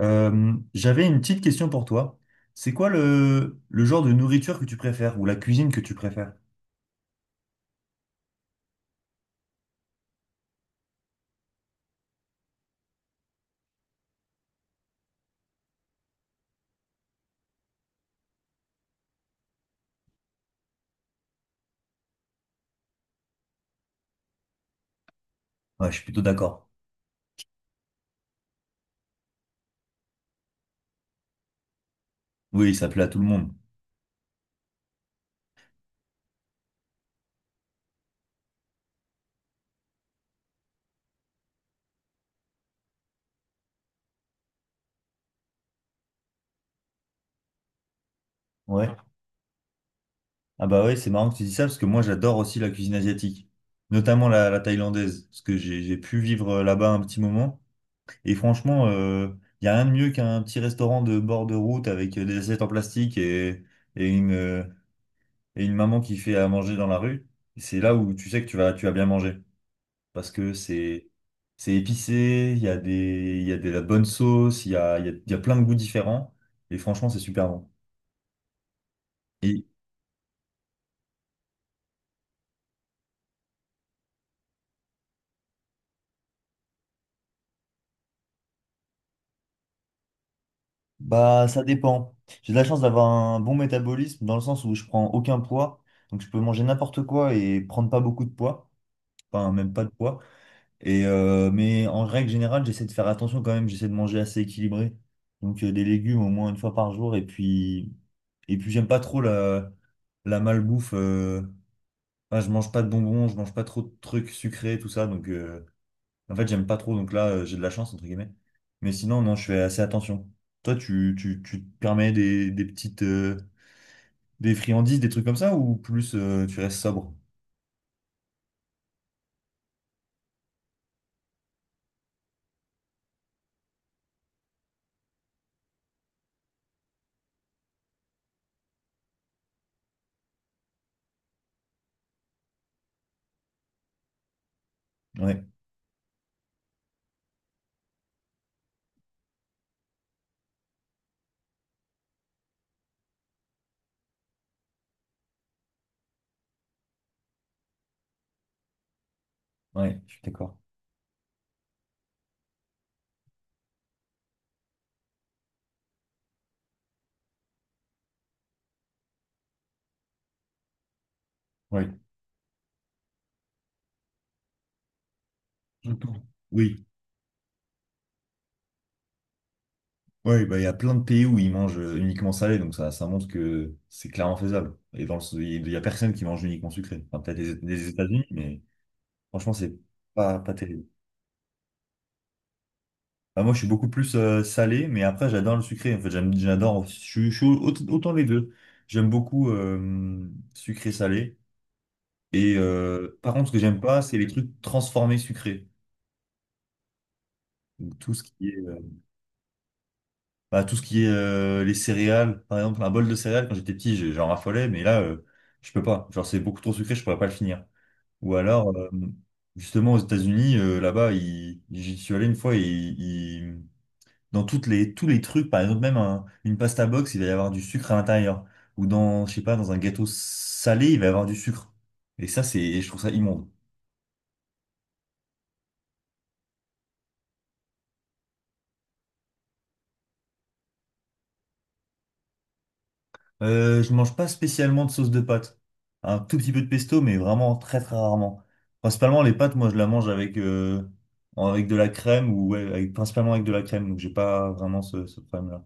J'avais une petite question pour toi. C'est quoi le genre de nourriture que tu préfères ou la cuisine que tu préfères? Ouais, je suis plutôt d'accord. Oui, ça plaît à tout le monde. Ouais. Ah bah ouais, c'est marrant que tu dis ça parce que moi j'adore aussi la cuisine asiatique, notamment la thaïlandaise, parce que j'ai pu vivre là-bas un petit moment. Et franchement, il n'y a rien de mieux qu'un petit restaurant de bord de route avec des assiettes en plastique et une, euh, et une maman qui fait à manger dans la rue. C'est là où tu sais que tu vas bien manger. Parce que c'est épicé, il y a de la bonne sauce, il y a, il y a, il y a plein de goûts différents et franchement c'est super bon. Et Bah, ça dépend. J'ai de la chance d'avoir un bon métabolisme dans le sens où je prends aucun poids. Donc, je peux manger n'importe quoi et prendre pas beaucoup de poids. Enfin, même pas de poids. Mais en règle générale, j'essaie de faire attention quand même. J'essaie de manger assez équilibré. Donc, des légumes au moins une fois par jour. Et puis j'aime pas trop la malbouffe. Ah, je mange pas de bonbons, je mange pas trop de trucs sucrés, tout ça. Donc, en fait, j'aime pas trop. Donc là, j'ai de la chance, entre guillemets. Mais sinon, non, je fais assez attention. Toi, tu te permets des petites, des friandises, des trucs comme ça, ou plus tu restes sobre? Ouais, ouais, je suis d'accord. Oui. Oui, ouais, bah, il y a plein de pays où ils mangent uniquement salé, donc ça montre que c'est clairement faisable. Et dans le, il y a personne qui mange uniquement sucré. Enfin, peut-être les États-Unis, mais franchement, c'est pas terrible. Ah, moi, je suis beaucoup plus salé, mais après, j'adore le sucré. En fait, j'adore. Je suis autant les deux. J'aime beaucoup sucré-salé. Et par contre, ce que j'aime pas, c'est les trucs transformés sucrés. Donc, tout ce qui est, euh, Tout ce qui est les céréales. Par exemple, un bol de céréales, quand j'étais petit, j'en raffolais, mais là, je peux pas. Genre, c'est beaucoup trop sucré, je pourrais pas le finir. Ou alors, justement, aux États-Unis, là-bas, j'y suis allé une fois et dans tous les trucs, par exemple, une pasta box, il va y avoir du sucre à l'intérieur. Ou dans, je sais pas, dans un gâteau salé, il va y avoir du sucre. Et ça, c'est, je trouve ça immonde. Je mange pas spécialement de sauce de pâte. Un tout petit peu de pesto, mais vraiment très très rarement. Principalement, les pâtes, moi, je la mange avec, avec de la crème ou ouais, avec, principalement avec de la crème. Donc, j'ai pas vraiment ce problème-là.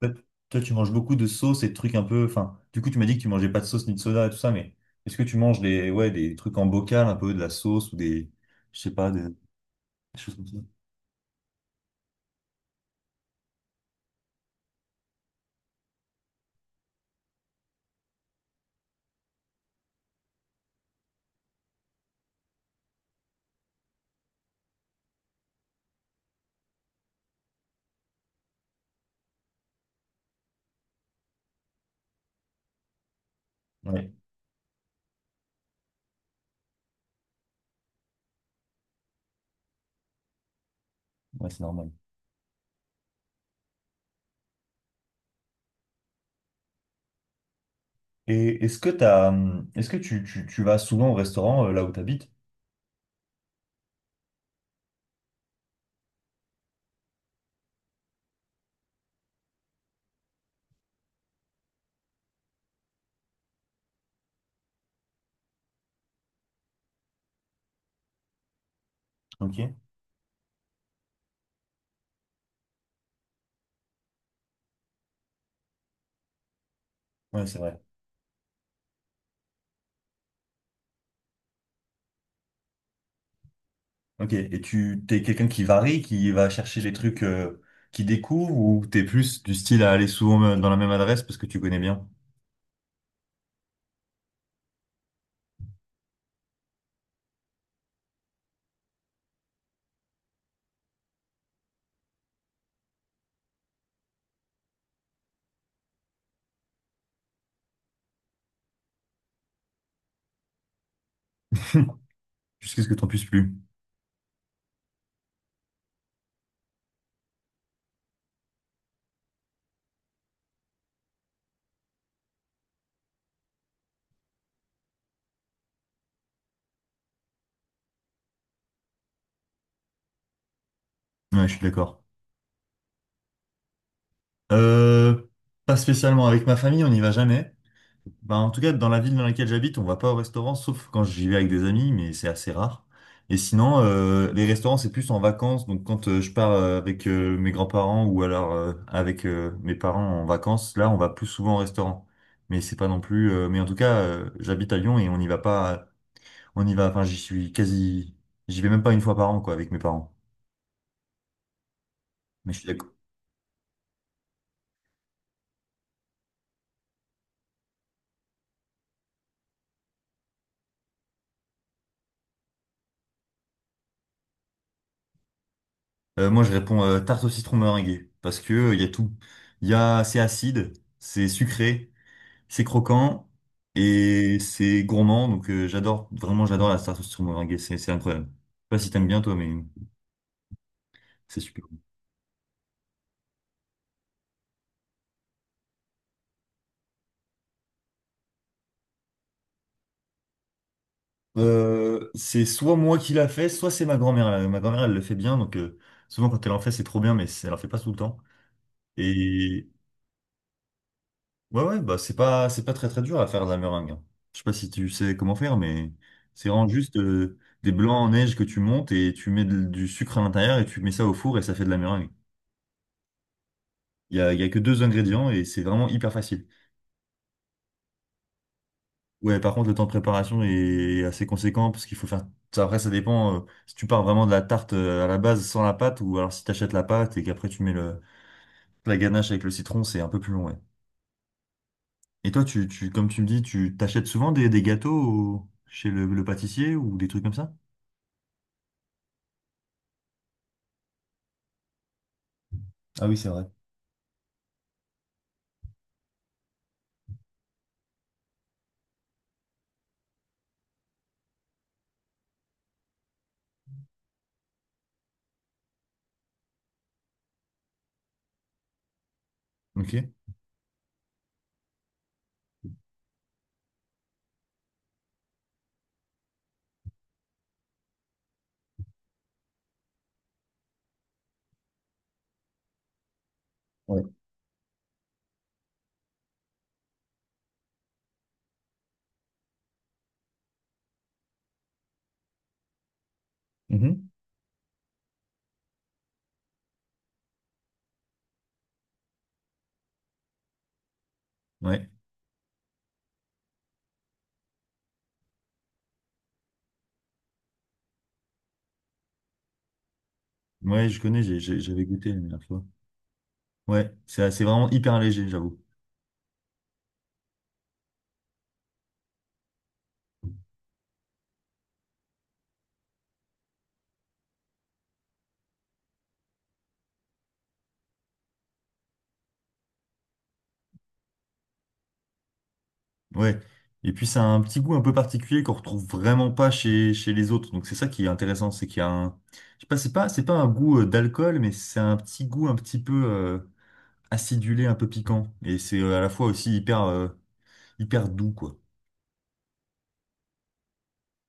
Toi, toi, tu manges beaucoup de sauces et de trucs un peu. Enfin, du coup, tu m'as dit que tu mangeais pas de sauce ni de soda et tout ça, mais est-ce que tu manges ouais, des trucs en bocal, un peu de la sauce ou des, je sais pas, des choses comme ça? Ouais, ouais, c'est normal. Et est-ce que t'as, est-ce que tu vas souvent au restaurant là où t'habites? Ok. Ouais, c'est vrai. Ok. Et t'es quelqu'un qui varie, qui va chercher les trucs qu'il découvre, ou t'es plus du style à aller souvent dans la même adresse parce que tu connais bien, jusqu'à ce que t'en puisses plus. Ouais, je suis d'accord. Euh, Pas spécialement avec ma famille, on n'y va jamais. Bah, en tout cas, dans la ville dans laquelle j'habite, on va pas au restaurant, sauf quand j'y vais avec des amis, mais c'est assez rare. Et sinon, les restaurants, c'est plus en vacances. Donc quand je pars avec mes grands-parents ou alors avec mes parents en vacances, là, on va plus souvent au restaurant. Mais c'est pas non plus. Mais en tout cas, j'habite à Lyon et on n'y va pas. On y va. Enfin, j'y suis quasi. J'y vais même pas une fois par an, quoi, avec mes parents. Mais je suis d'accord. Moi, je réponds tarte au citron meringuée parce que il y a tout. Il y a, c'est acide, c'est sucré, c'est croquant et c'est gourmand. Donc, vraiment, j'adore la tarte au citron meringuée. C'est incroyable. Je sais pas si t'aimes bien toi, mais c'est super. C'est soit moi qui l'a fait, soit c'est ma grand-mère. Ma grand-mère, elle le fait bien. Donc, souvent quand elle en fait, c'est trop bien, elle en fait pas tout le temps. Et Ouais, ouais, bah c'est pas très très dur à faire de la meringue, hein. Je sais pas si tu sais comment faire, mais c'est vraiment juste des blancs en neige que tu montes et tu mets du sucre à l'intérieur et tu mets ça au four et ça fait de la meringue. Il y a que deux ingrédients et c'est vraiment hyper facile. Ouais, par contre, le temps de préparation est assez conséquent parce qu'il faut faire. Ça, après, ça dépend si tu pars vraiment de la tarte à la base sans la pâte ou alors si tu achètes la pâte et qu'après tu mets la ganache avec le citron, c'est un peu plus long, ouais. Et toi, comme tu me dis, tu t'achètes souvent des gâteaux chez le pâtissier ou des trucs comme ça? Ah oui, c'est vrai. Ok. Ouais. Mhm. Ouais. Ouais, je connais, j'avais goûté la dernière fois. Ouais, c'est vraiment hyper léger, j'avoue. Ouais. Et puis ça a un petit goût un peu particulier qu'on retrouve vraiment pas chez, chez les autres. Donc c'est ça qui est intéressant, c'est qu'il y a un je sais pas, c'est pas un goût d'alcool, mais c'est un petit goût un petit peu acidulé, un peu piquant et c'est à la fois aussi hyper doux quoi.